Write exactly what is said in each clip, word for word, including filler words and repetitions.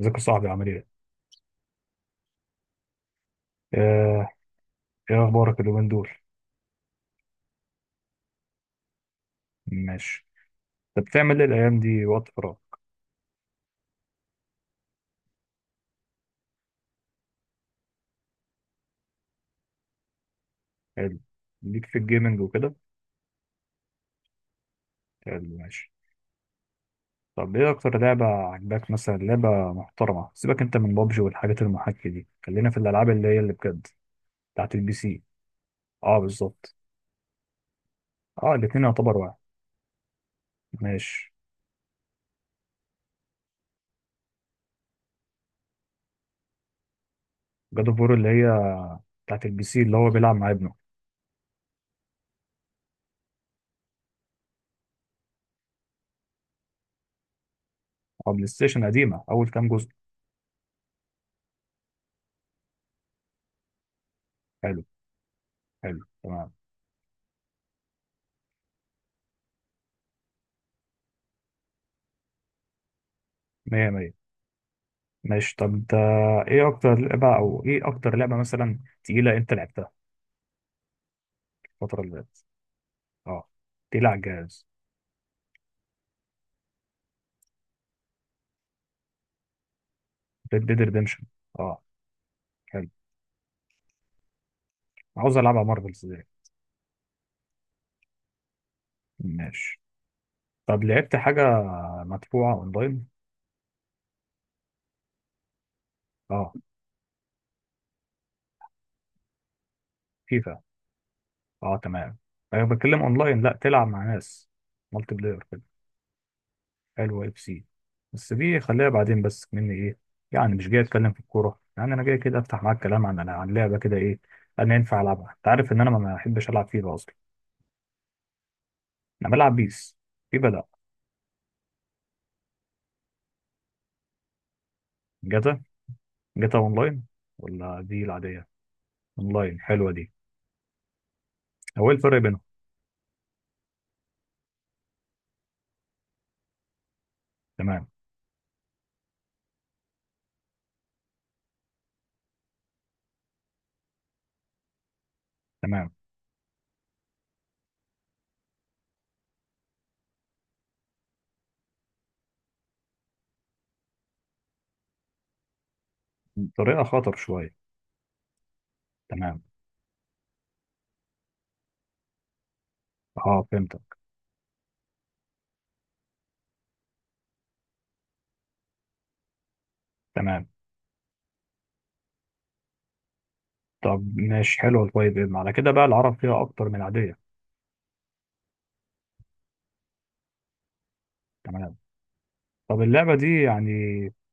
ازيك يا صاحبي؟ عامل ايه؟ آه، ايه اخبارك اليومين دول؟ ماشي. طب بتعمل ايه الايام دي وقت فراغ؟ حلو. ليك في الجيمنج وكده؟ حلو ماشي. طب ايه اكتر لعبة عجباك مثلا، لعبة محترمة؟ سيبك انت من بابجي والحاجات المحاكية دي، خلينا في الالعاب اللي هي اللي بجد بتاعت البي سي. اه بالظبط. اه الاتنين يعتبر واحد. ماشي. جاد اوف وور اللي هي بتاعت البي سي اللي هو بيلعب مع ابنه؟ اه بلاي ستيشن قديمة، اول كام جزء؟ حلو. حلو تمام. مية. ماشي طب ده، ايه اكتر لعبة او ايه اكتر لعبة مثلا تقيلة انت لعبتها الفترة اللي فاتت؟ اه، تقيلة على الجهاز. ريد ديد ريدمشن. اه حلو. عاوز العبها مارفلز دي. ماشي. طب لعبت حاجة مدفوعة اونلاين؟ اه. فيفا. اه تمام. انا بتكلم اونلاين، لا تلعب مع ناس مالتي بلاير كده. حلو اف سي. بس دي خليها بعدين، بس مني ايه، يعني مش جاي اتكلم في الكورة، يعني انا جاي كده افتح معاك كلام عن عن لعبة كده، ايه انا ينفع العبها؟ انت عارف ان انا ما بحبش العب فيفا اصلا، انا بلعب بيس. في بدأ. جاتا. جاتا اونلاين ولا دي العادية؟ اونلاين حلوة دي. هو إيه الفرق بينهم؟ تمام. تمام. طريقة خطر شوية. تمام. اه فهمتك. تمام. طب ماشي حلوة. طيب إيه؟ على كده بقى العرب فيها اكتر من العادية؟ تمام. طب اللعبة دي يعني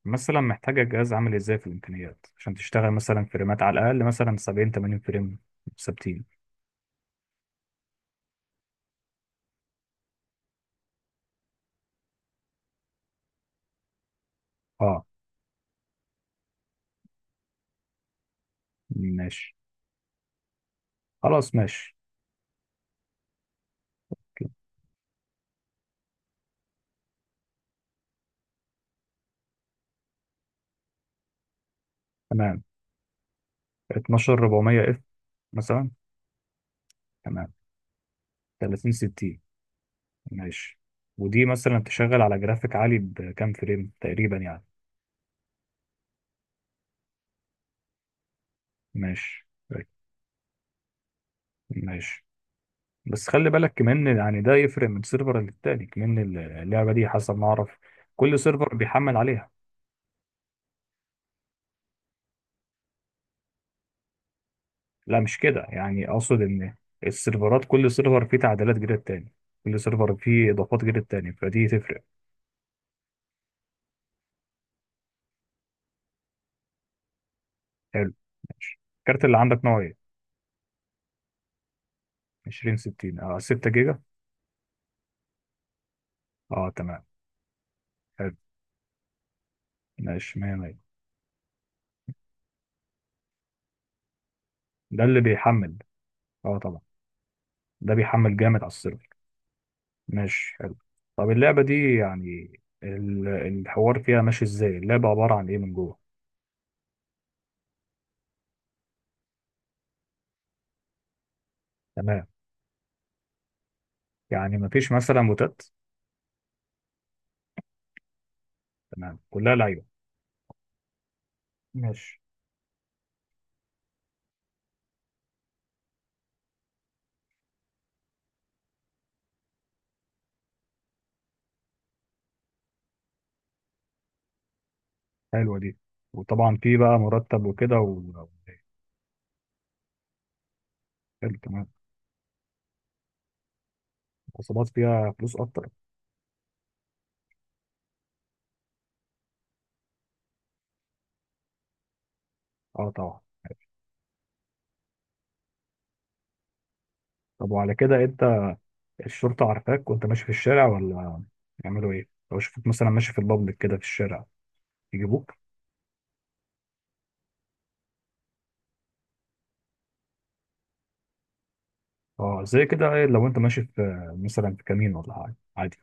مثلا محتاجة جهاز عامل ازاي في الامكانيات عشان تشتغل مثلا فريمات على الاقل مثلا سبعين تمانين فريم ثابتين؟ اه ماشي. خلاص ماشي. تمام. اتناشر اربعمية اف مثلا. تمام. تلاتين ستين. ماشي. ودي مثلا تشغل على جرافيك عالي بكام فريم تقريبا يعني؟ ماشي طيب. ماشي. بس خلي بالك كمان، يعني ده يفرق من سيرفر للتاني كمان. اللعبة دي حسب ما أعرف كل سيرفر بيحمل عليها. لا مش كده، يعني أقصد إن السيرفرات كل سيرفر فيه تعديلات غير التاني، كل سيرفر فيه إضافات غير التاني، فدي تفرق. حلو. ماشي. الكارت اللي عندك نوع إيه؟ عشرين ستين؟ أه ستة جيجا. أه تمام. حلو. ماشي مية مية. ده اللي بيحمل. أه طبعا. ده بيحمل جامد على السيرفر. ماشي حلو. طب اللعبة دي يعني ال- الحوار فيها ماشي ازاي؟ اللعبة عبارة عن ايه من جوه؟ تمام. يعني مفيش مثلا موتات؟ تمام كلها لعيبة. ماشي. حلوة دي. وطبعا في بقى مرتب وكده و... حلو تمام. عصابات فيها فلوس اكتر. اه طبعا. طب وعلى كده انت الشرطة عارفاك وانت ماشي في الشارع، ولا يعملوا ايه لو شافوك مثلا ماشي في البابليك كده في الشارع؟ يجيبوك؟ اه زي كده، ايه لو انت ماشي في مثلا في كمين ولا حاجة عادي؟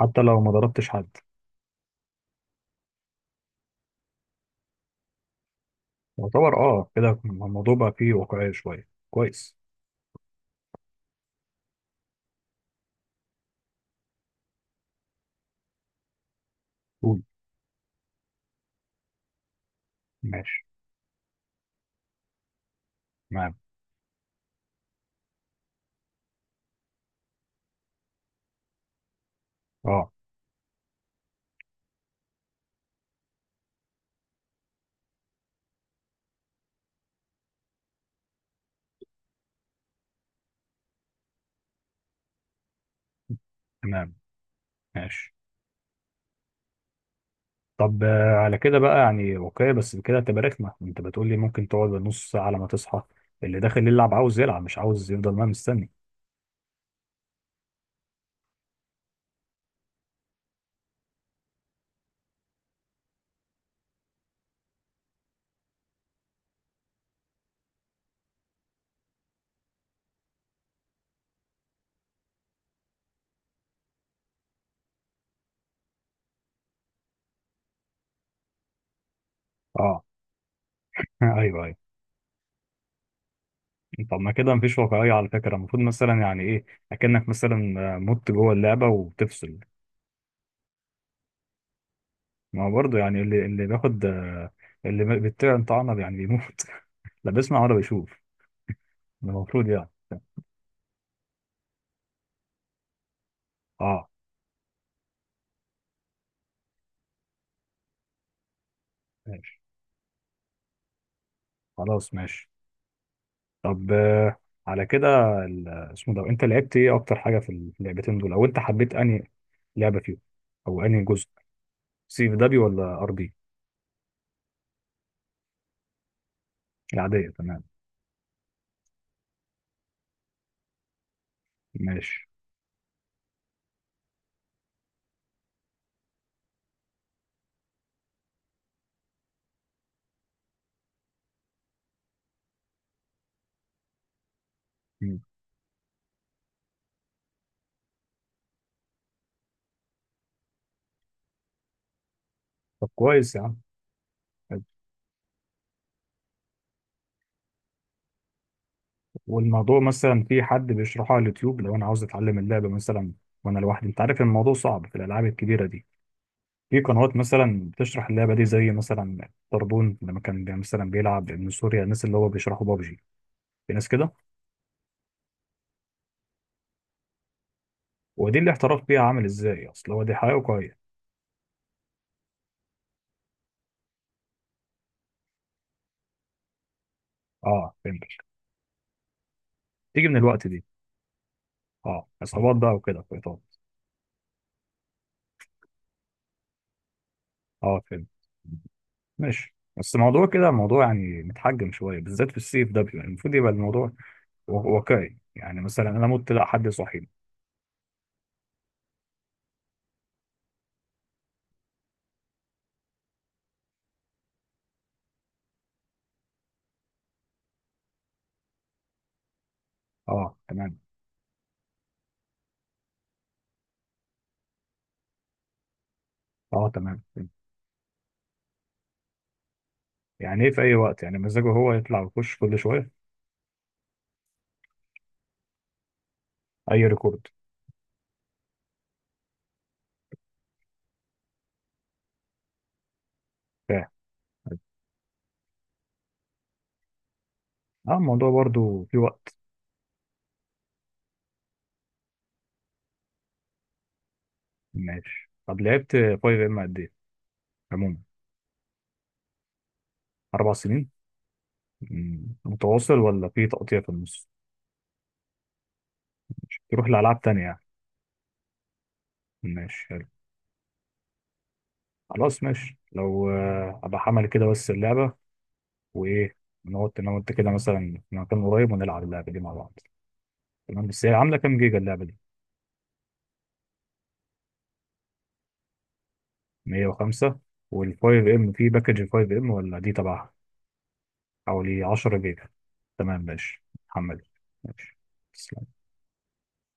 حتى لو ما ضربتش حد؟ يعتبر اه كده الموضوع بقى فيه واقعية شوية، كويس. قول. ماشي. تمام. اه تمام. ماشي. طب آه، على كده بقى يعني واقعية، بس كده هتبقى رخمة. انت بتقول لي ممكن تقعد نص ساعة على ما تصحى، اللي داخل يلعب عاوز يلعب، مش عاوز يفضل ما مستني. اه ايوه ايوه. طب ما كده مفيش واقعية على فكرة، المفروض مثلا يعني ايه، اكنك مثلا آه، مت جوه اللعبة وبتفصل. ما هو برضه يعني اللي اللي بياخد آه، اللي بيطير طعنه يعني بيموت لا بيسمع ولا بيشوف. ده المفروض يعني. اه. خلاص ماشي. طب آه، على كده ال- اسمه ده، انت لعبت ايه اكتر حاجه في ال- في اللعبتين دول؟ او انت حبيت انهي لعبه فيهم او انهي جزء؟ سي في دبليو ولا ار بي؟ العاديه تمام. ماشي. مم. طب كويس يا عم. حلو. والموضوع مثلا في حد بيشرحه على اليوتيوب لو انا عاوز اتعلم اللعبه مثلا وانا لوحدي؟ انت عارف الموضوع صعب في الالعاب الكبيره دي. في قنوات مثلا بتشرح اللعبه دي، زي مثلا طربون لما كان بي- مثلا بيلعب من سوريا، الناس اللي هو بيشرحوا بابجي؟ في ناس كده؟ ودي اللي احتراف بيها عامل ازاي اصل هو دي حياه واقعيه؟ اه فهمت. تيجي من الوقت دي. اه عصابات بقى وكده فايتات. اه فهمت. ماشي. بس الموضوع كده موضوع يعني متحجم شويه، بالذات في السيف ده بيبقى المفروض يبقى الموضوع و- واقعي، يعني مثلا انا مت لا حد صاحيني. اه تمام. اه تمام فهمت. يعني ايه في اي وقت؟ يعني مزاجه هو يطلع ويخش كل شويه؟ اي ريكورد؟ فاهم. اه الموضوع برضو في وقت. ماشي. طب لعبت فايف ام قد ايه عموما؟ اربع سنين. مم. متواصل ولا في تقطيع في النص؟ تروح لألعاب تانية يعني. ماشي حلو. خلاص ماشي. لو آه، أبقى حمل كده بس اللعبة، وإيه، نقعد أنا وأنت كده مثلا في مكان قريب ونلعب اللعبة دي مع بعض. تمام. بس هي عاملة كام جيجا اللعبة دي؟ مية وخمسة. وال فايف ام في باكج ال خمسة ام، ولا دي تبعها؟ حوالي عشرة جيجا. تمام ماشي حمل. ماشي. تسلم.